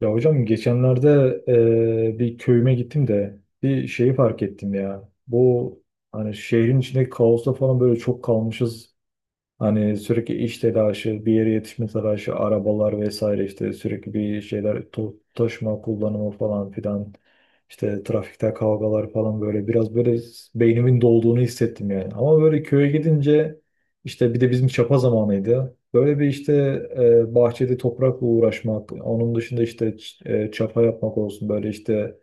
Ya hocam geçenlerde bir köyüme gittim de bir şeyi fark ettim ya. Bu hani şehrin içindeki kaosta falan böyle çok kalmışız. Hani sürekli iş telaşı, bir yere yetişme telaşı, arabalar vesaire, işte sürekli bir şeyler taşıma kullanımı falan filan. İşte trafikte kavgalar falan, böyle biraz böyle beynimin dolduğunu hissettim yani. Ama böyle köye gidince işte bir de bizim çapa zamanıydı. Böyle bir işte bahçede toprakla uğraşmak, onun dışında işte çapa yapmak olsun böyle işte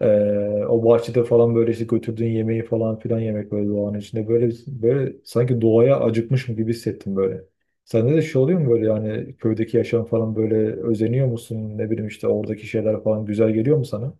ee, o bahçede falan böyle işte götürdüğün yemeği falan filan yemek, böyle doğanın içinde, böyle böyle sanki doğaya acıkmışım gibi hissettim böyle. Sende de şey oluyor mu böyle, yani köydeki yaşam falan böyle özeniyor musun? Ne bileyim, işte oradaki şeyler falan güzel geliyor mu sana?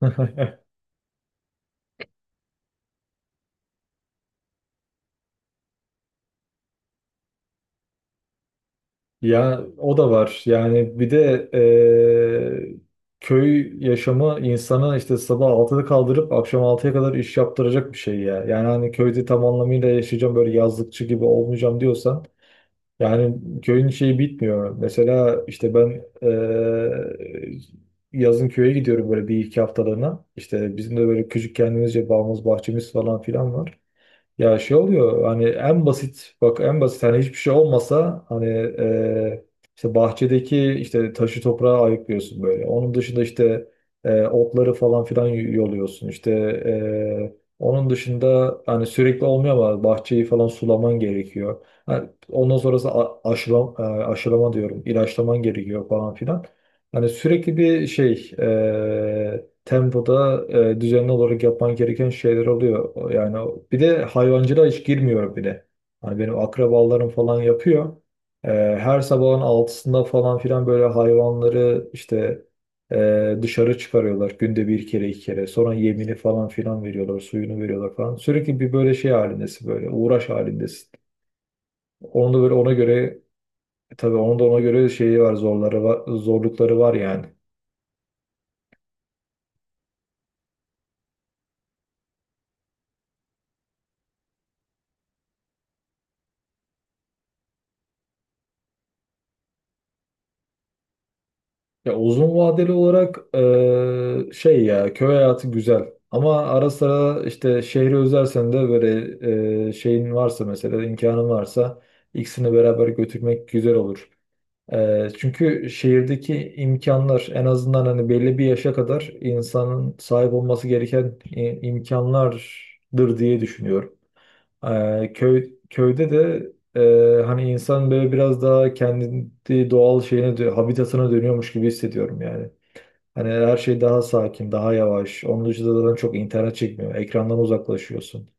Ya o da var. Yani bir de köy yaşamı insanı işte sabah altıda kaldırıp akşam altıya kadar iş yaptıracak bir şey ya. Yani hani köyde tam anlamıyla yaşayacağım, böyle yazlıkçı gibi olmayacağım diyorsan, yani köyün şeyi bitmiyor. Mesela işte ben yazın köye gidiyorum böyle bir iki haftalığına. İşte bizim de böyle küçük, kendimizce bağımız bahçemiz falan filan var. Ya şey oluyor, hani en basit, bak en basit, hani hiçbir şey olmasa hani, işte bahçedeki işte taşı toprağı ayıklıyorsun böyle. Onun dışında işte otları falan filan yoluyorsun. İşte onun dışında hani sürekli olmuyor ama bahçeyi falan sulaman gerekiyor. Hani ondan sonrası aşılama diyorum, ilaçlaman gerekiyor falan filan. Hani sürekli bir şey tempoda düzenli olarak yapman gereken şeyler oluyor. Yani bir de hayvancılığa hiç girmiyorum bile. Hani benim akrabalarım falan yapıyor. E, Her sabahın altısında falan filan böyle hayvanları işte dışarı çıkarıyorlar. Günde bir kere iki kere. Sonra yemini falan filan veriyorlar. Suyunu veriyorlar falan. Sürekli bir böyle şey halindesin böyle. Uğraş halindesin. Onu da böyle ona göre tabii onun da ona göre şeyi var, zorları var, zorlukları var yani. Ya uzun vadeli olarak şey, ya köy hayatı güzel. Ama ara sıra işte şehri özlersen de böyle şeyin varsa, mesela imkanın varsa ikisini beraber götürmek güzel olur. Çünkü şehirdeki imkanlar en azından hani belli bir yaşa kadar insanın sahip olması gereken imkanlardır diye düşünüyorum. Köy, köyde de hani insan böyle biraz daha kendi doğal şeyine, habitatına dönüyormuş gibi hissediyorum yani. Hani her şey daha sakin, daha yavaş. Onun dışında da çok internet çekmiyor. Ekrandan uzaklaşıyorsun.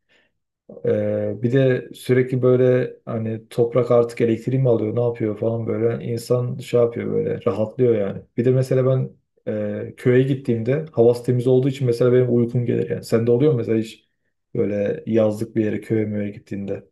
Bir de sürekli böyle, hani toprak artık elektriği mi alıyor ne yapıyor falan, böyle insan şey yapıyor, böyle rahatlıyor yani. Bir de mesela ben köye gittiğimde havası temiz olduğu için mesela benim uykum gelir yani. Sende oluyor mu mesela hiç böyle yazlık bir yere, köye möye gittiğinde?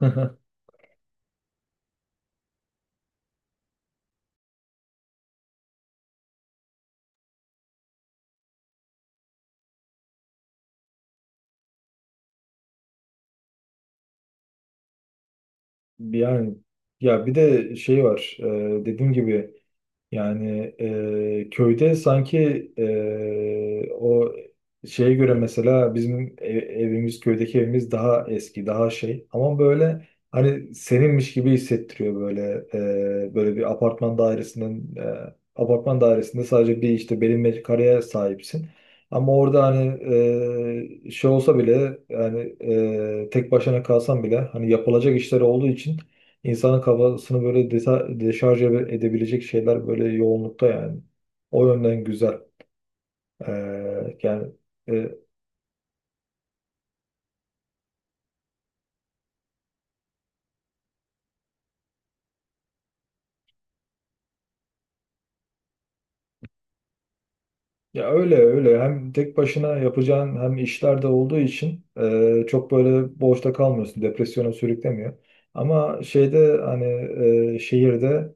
Yani, ya bir de şey var, dediğim gibi. Yani köyde sanki o şeye göre, mesela bizim evimiz, köydeki evimiz daha eski, daha şey, ama böyle hani seninmiş gibi hissettiriyor böyle. Böyle bir apartman dairesinin apartman dairesinde sadece bir işte belin metrekareye sahipsin, ama orada hani şey olsa bile, yani tek başına kalsan bile hani yapılacak işler olduğu için İnsanın kafasını böyle deşarj edebilecek şeyler böyle yoğunlukta yani. O yönden güzel. Yani e, ya öyle öyle, hem tek başına yapacağın, hem işler de olduğu için çok böyle boşta kalmıyorsun. Depresyona sürüklemiyor. Ama şeyde hani şehirde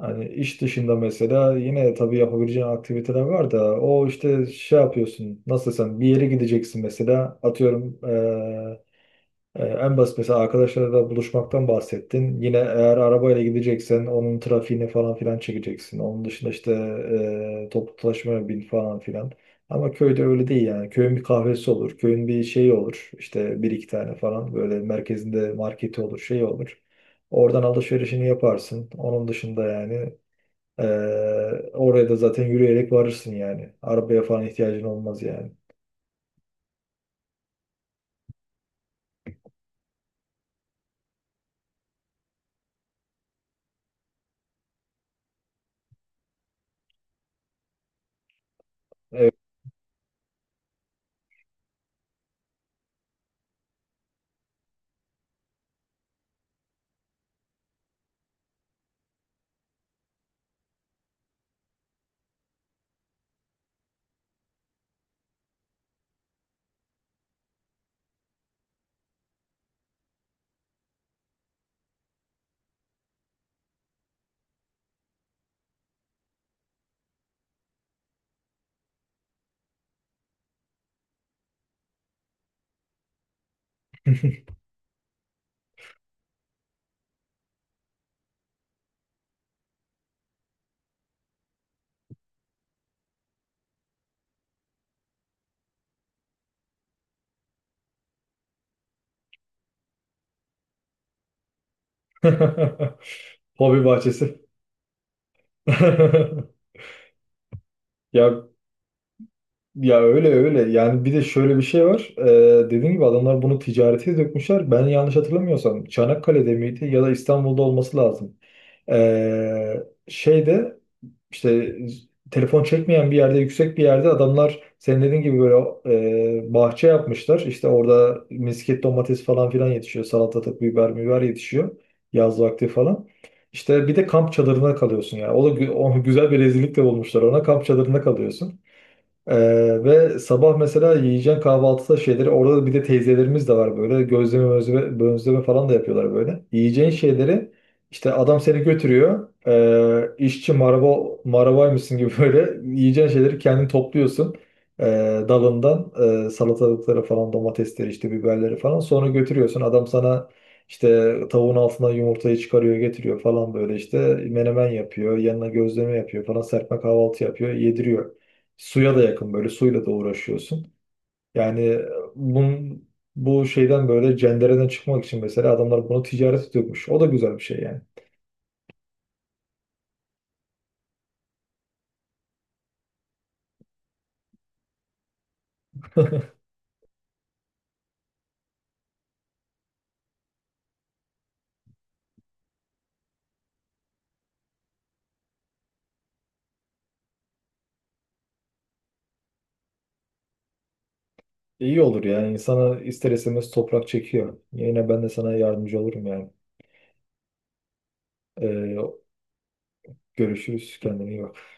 hani iş dışında mesela, yine tabii yapabileceğin aktiviteler var da, o işte şey yapıyorsun. Nasıl desem, bir yere gideceksin mesela, atıyorum en basit, mesela arkadaşlarla buluşmaktan bahsettin. Yine eğer arabayla gideceksen onun trafiğini falan filan çekeceksin. Onun dışında işte toplu taşımaya bin falan filan. Ama köyde öyle değil yani. Köyün bir kahvesi olur, köyün bir şeyi olur. İşte bir iki tane falan böyle merkezinde marketi olur, şey olur. Oradan alışverişini yaparsın. Onun dışında yani e, oraya da zaten yürüyerek varırsın yani. Arabaya falan ihtiyacın olmaz yani. Evet. Hobi bahçesi. Ya, ya öyle öyle. Yani bir de şöyle bir şey var. Dediğim gibi adamlar bunu ticarete dökmüşler. Ben yanlış hatırlamıyorsam Çanakkale'de miydi ya da İstanbul'da olması lazım. Şeyde İşte telefon çekmeyen bir yerde, yüksek bir yerde adamlar senin dediğin gibi böyle bahçe yapmışlar. İşte orada misket domates falan filan yetişiyor. Salatalık, biber, biber yetişiyor yaz vakti falan. İşte bir de kamp çadırına kalıyorsun yani. O da o güzel bir rezillik de olmuşlar ona. Kamp çadırına kalıyorsun. Ve sabah mesela yiyeceğin kahvaltıda şeyleri orada, bir de teyzelerimiz de var böyle, gözleme mözleme, bözleme falan da yapıyorlar böyle. Yiyeceğin şeyleri işte adam seni götürüyor, işçi maraba, marabaymışsın gibi böyle yiyeceğin şeyleri kendin topluyorsun, ee, dalından salatalıkları falan, domatesleri, işte biberleri falan, sonra götürüyorsun, adam sana işte tavuğun altından yumurtayı çıkarıyor getiriyor falan, böyle işte menemen yapıyor yanına, gözleme yapıyor falan, serpme kahvaltı yapıyor yediriyor. Suya da yakın, böyle suyla da uğraşıyorsun. Yani bunun, bu şeyden böyle cendereden çıkmak için mesela adamlar bunu ticaret ediyormuş. O da güzel bir şey yani. İyi olur yani, insana ister istemez toprak çekiyor. Yine ben de sana yardımcı olurum yani. Ee, Görüşürüz, kendine iyi bak.